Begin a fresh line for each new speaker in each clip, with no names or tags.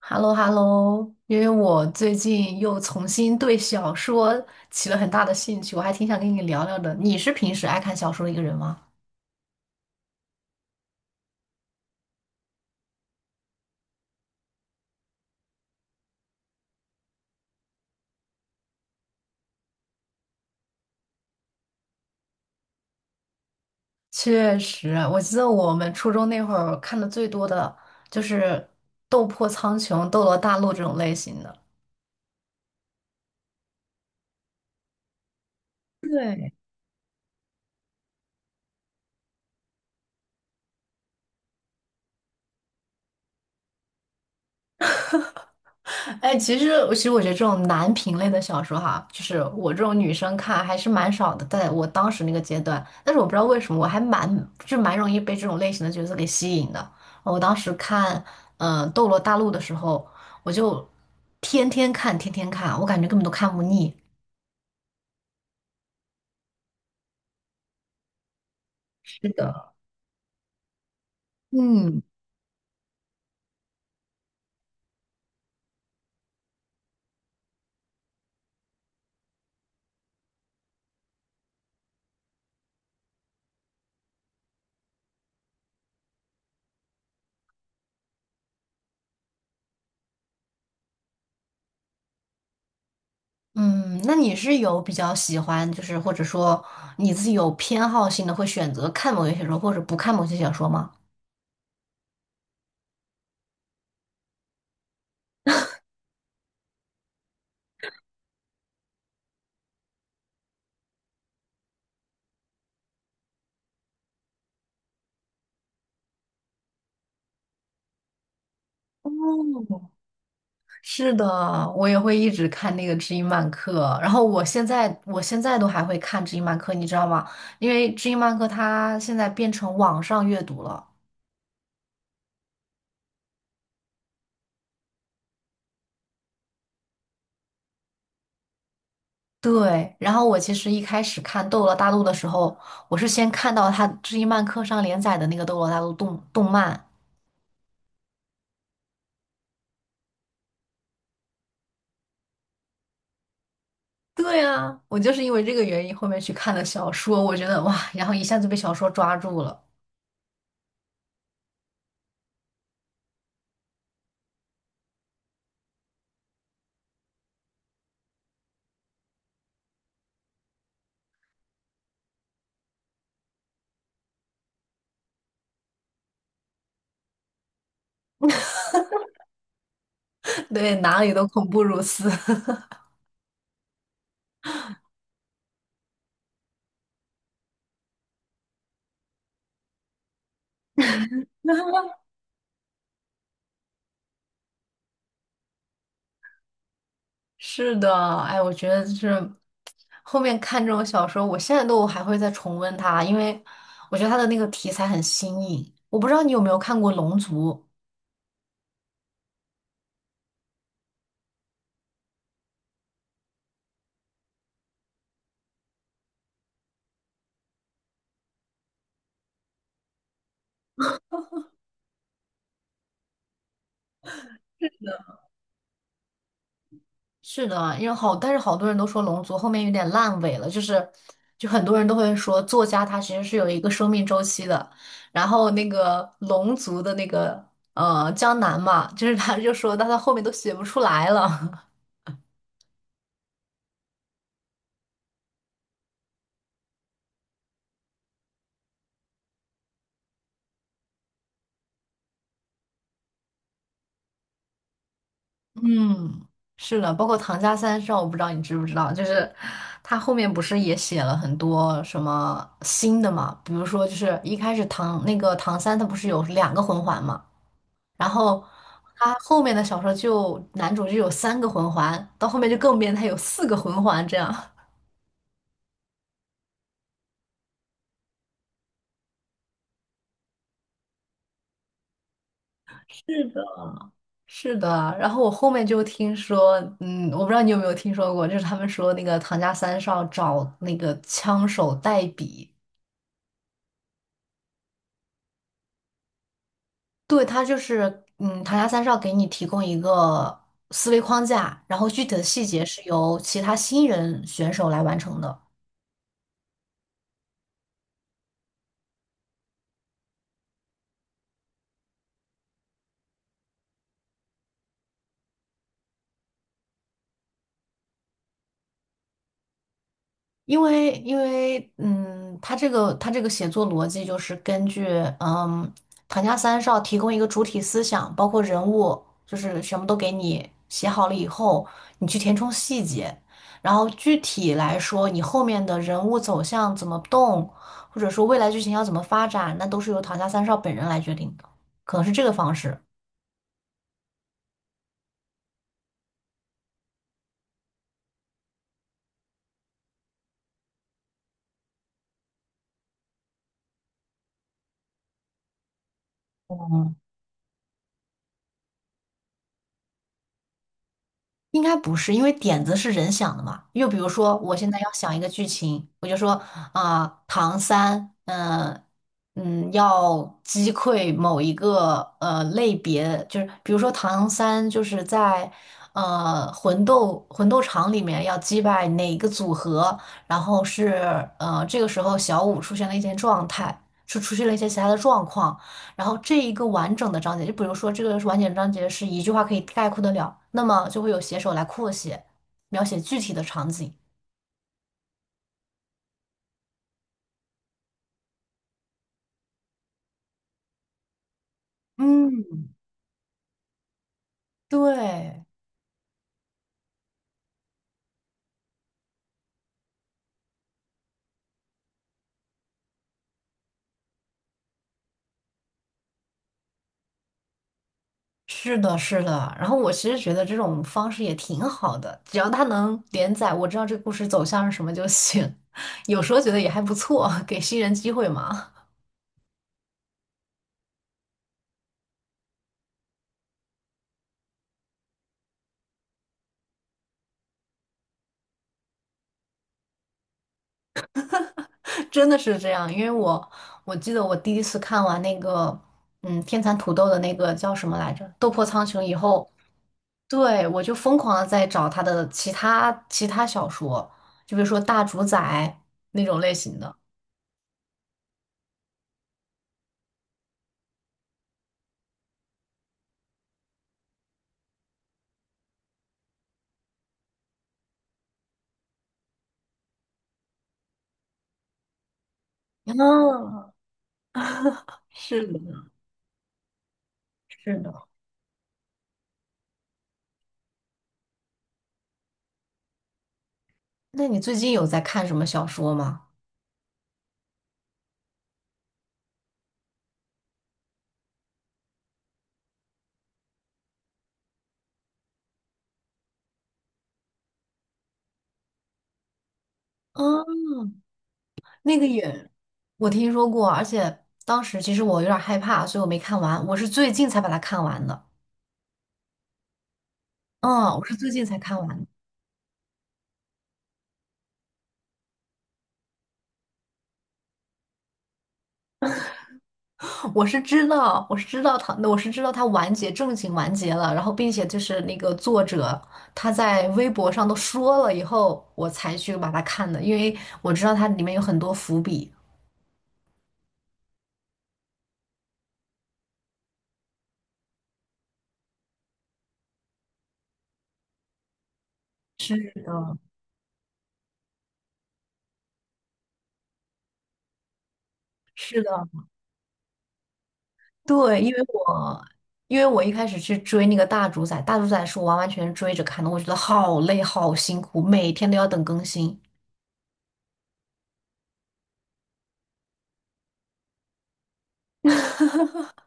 h e l l o h e l l o。 因为我最近又重新对小说起了很大的兴趣，我还挺想跟你聊聊的。你是平时爱看小说的一个人吗？确实，我记得我们初中那会儿看的最多的就是《斗破苍穹》《斗罗大陆》这种类型的。对。哎，其实我觉得这种男频类的小说哈，就是我这种女生看还是蛮少的，在我当时那个阶段。但是我不知道为什么，我就蛮容易被这种类型的角色给吸引的。我当时看斗罗大陆》的时候，我就天天看，天天看，我感觉根本都看不腻。是的。嗯嗯。那你是有比较喜欢，就是或者说你自己有偏好性的，会选择看某些小说或者不看某些小说吗？哦，是的，我也会一直看那个知音漫客，然后我现在都还会看知音漫客，你知道吗？因为知音漫客它现在变成网上阅读了。对，然后我其实一开始看《斗罗大陆》的时候，我是先看到它知音漫客上连载的那个《斗罗大陆》动漫。对啊，我就是因为这个原因后面去看了小说，我觉得哇，然后一下子被小说抓住了。对，哪里都恐怖如斯。是的。哎，我觉得就是后面看这种小说，我现在都还会再重温它，因为我觉得它的那个题材很新颖。我不知道你有没有看过《龙族》？是的，因为好，但是好多人都说《龙族》后面有点烂尾了，就是很多人都会说作家他其实是有一个生命周期的，然后那个龙族的那个江南嘛，就是他就说到他后面都写不出来了。嗯，是的，包括《唐家三少》，我不知道你知不知道，就是他后面不是也写了很多什么新的嘛？比如说，就是一开始唐那个唐三他不是有两个魂环嘛，然后他后面的小说就男主就有三个魂环，到后面就更变态，有四个魂环这样。是的。是的，然后我后面就听说，嗯，我不知道你有没有听说过，就是他们说那个唐家三少找那个枪手代笔。对，它就是，嗯，唐家三少给你提供一个思维框架，然后具体的细节是由其他新人选手来完成的。因为他这个写作逻辑就是根据嗯唐家三少提供一个主体思想，包括人物，就是全部都给你写好了以后，你去填充细节，然后具体来说，你后面的人物走向怎么动，或者说未来剧情要怎么发展，那都是由唐家三少本人来决定的，可能是这个方式。嗯。应该不是，因为点子是人想的嘛。又比如说，我现在要想一个剧情，我就说唐三，要击溃某一个类别，就是比如说唐三就是在魂斗场里面要击败哪个组合，然后是这个时候小舞出现了一些状态，出现了一些其他的状况。然后这一个完整的章节，就比如说这个是完整章节是一句话可以概括得了，那么就会有写手来扩写，描写具体的场景。嗯，对，是的，是的。然后我其实觉得这种方式也挺好的，只要它能连载，我知道这个故事走向是什么就行。有时候觉得也还不错，给新人机会嘛。真的是这样，因为我记得我第一次看完那个，嗯，天蚕土豆的那个叫什么来着，《斗破苍穹》以后，对，我就疯狂的在找他的其他小说，就比如说《大主宰》那种类型的。嗯。是的，是的。那你最近有在看什么小说吗？嗯，那个也我听说过，而且当时其实我有点害怕，所以我没看完，我是最近才把它看完的。嗯，我是最近才看完的。我是知道，我是知道他，我是知道他完结，正经完结了，然后并且就是那个作者他在微博上都说了以后，我才去把它看的，因为我知道它里面有很多伏笔。是的，是的，对，因为我一开始去追那个大主宰，大主宰是我完完全全追着看的，我觉得好累好辛苦，每天都要等更新。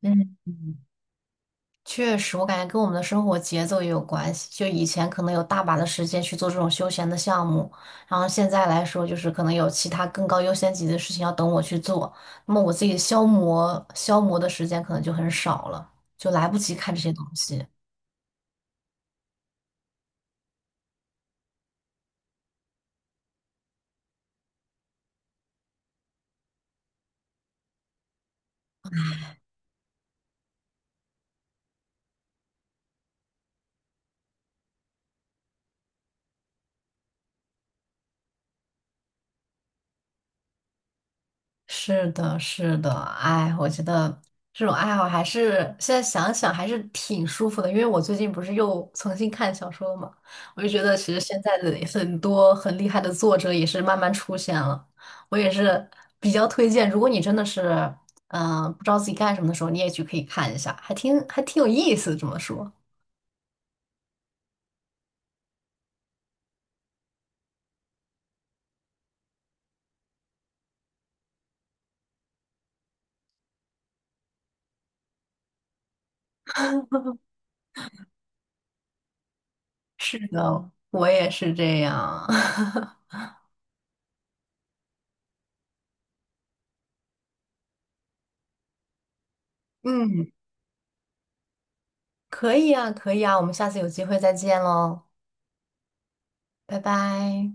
嗯，确实，我感觉跟我们的生活节奏也有关系。就以前可能有大把的时间去做这种休闲的项目，然后现在来说，就是可能有其他更高优先级的事情要等我去做，那么我自己消磨消磨的时间可能就很少了，就来不及看这些东西。是的，是的，哎，我觉得这种爱好还是现在想想还是挺舒服的，因为我最近不是又重新看小说了嘛，我就觉得其实现在的很多很厉害的作者也是慢慢出现了，我也是比较推荐，如果你真的是不知道自己干什么的时候，你也去可以看一下，还挺有意思，这么说。是的，我也是这样。嗯，可以啊，可以啊，我们下次有机会再见喽，拜拜。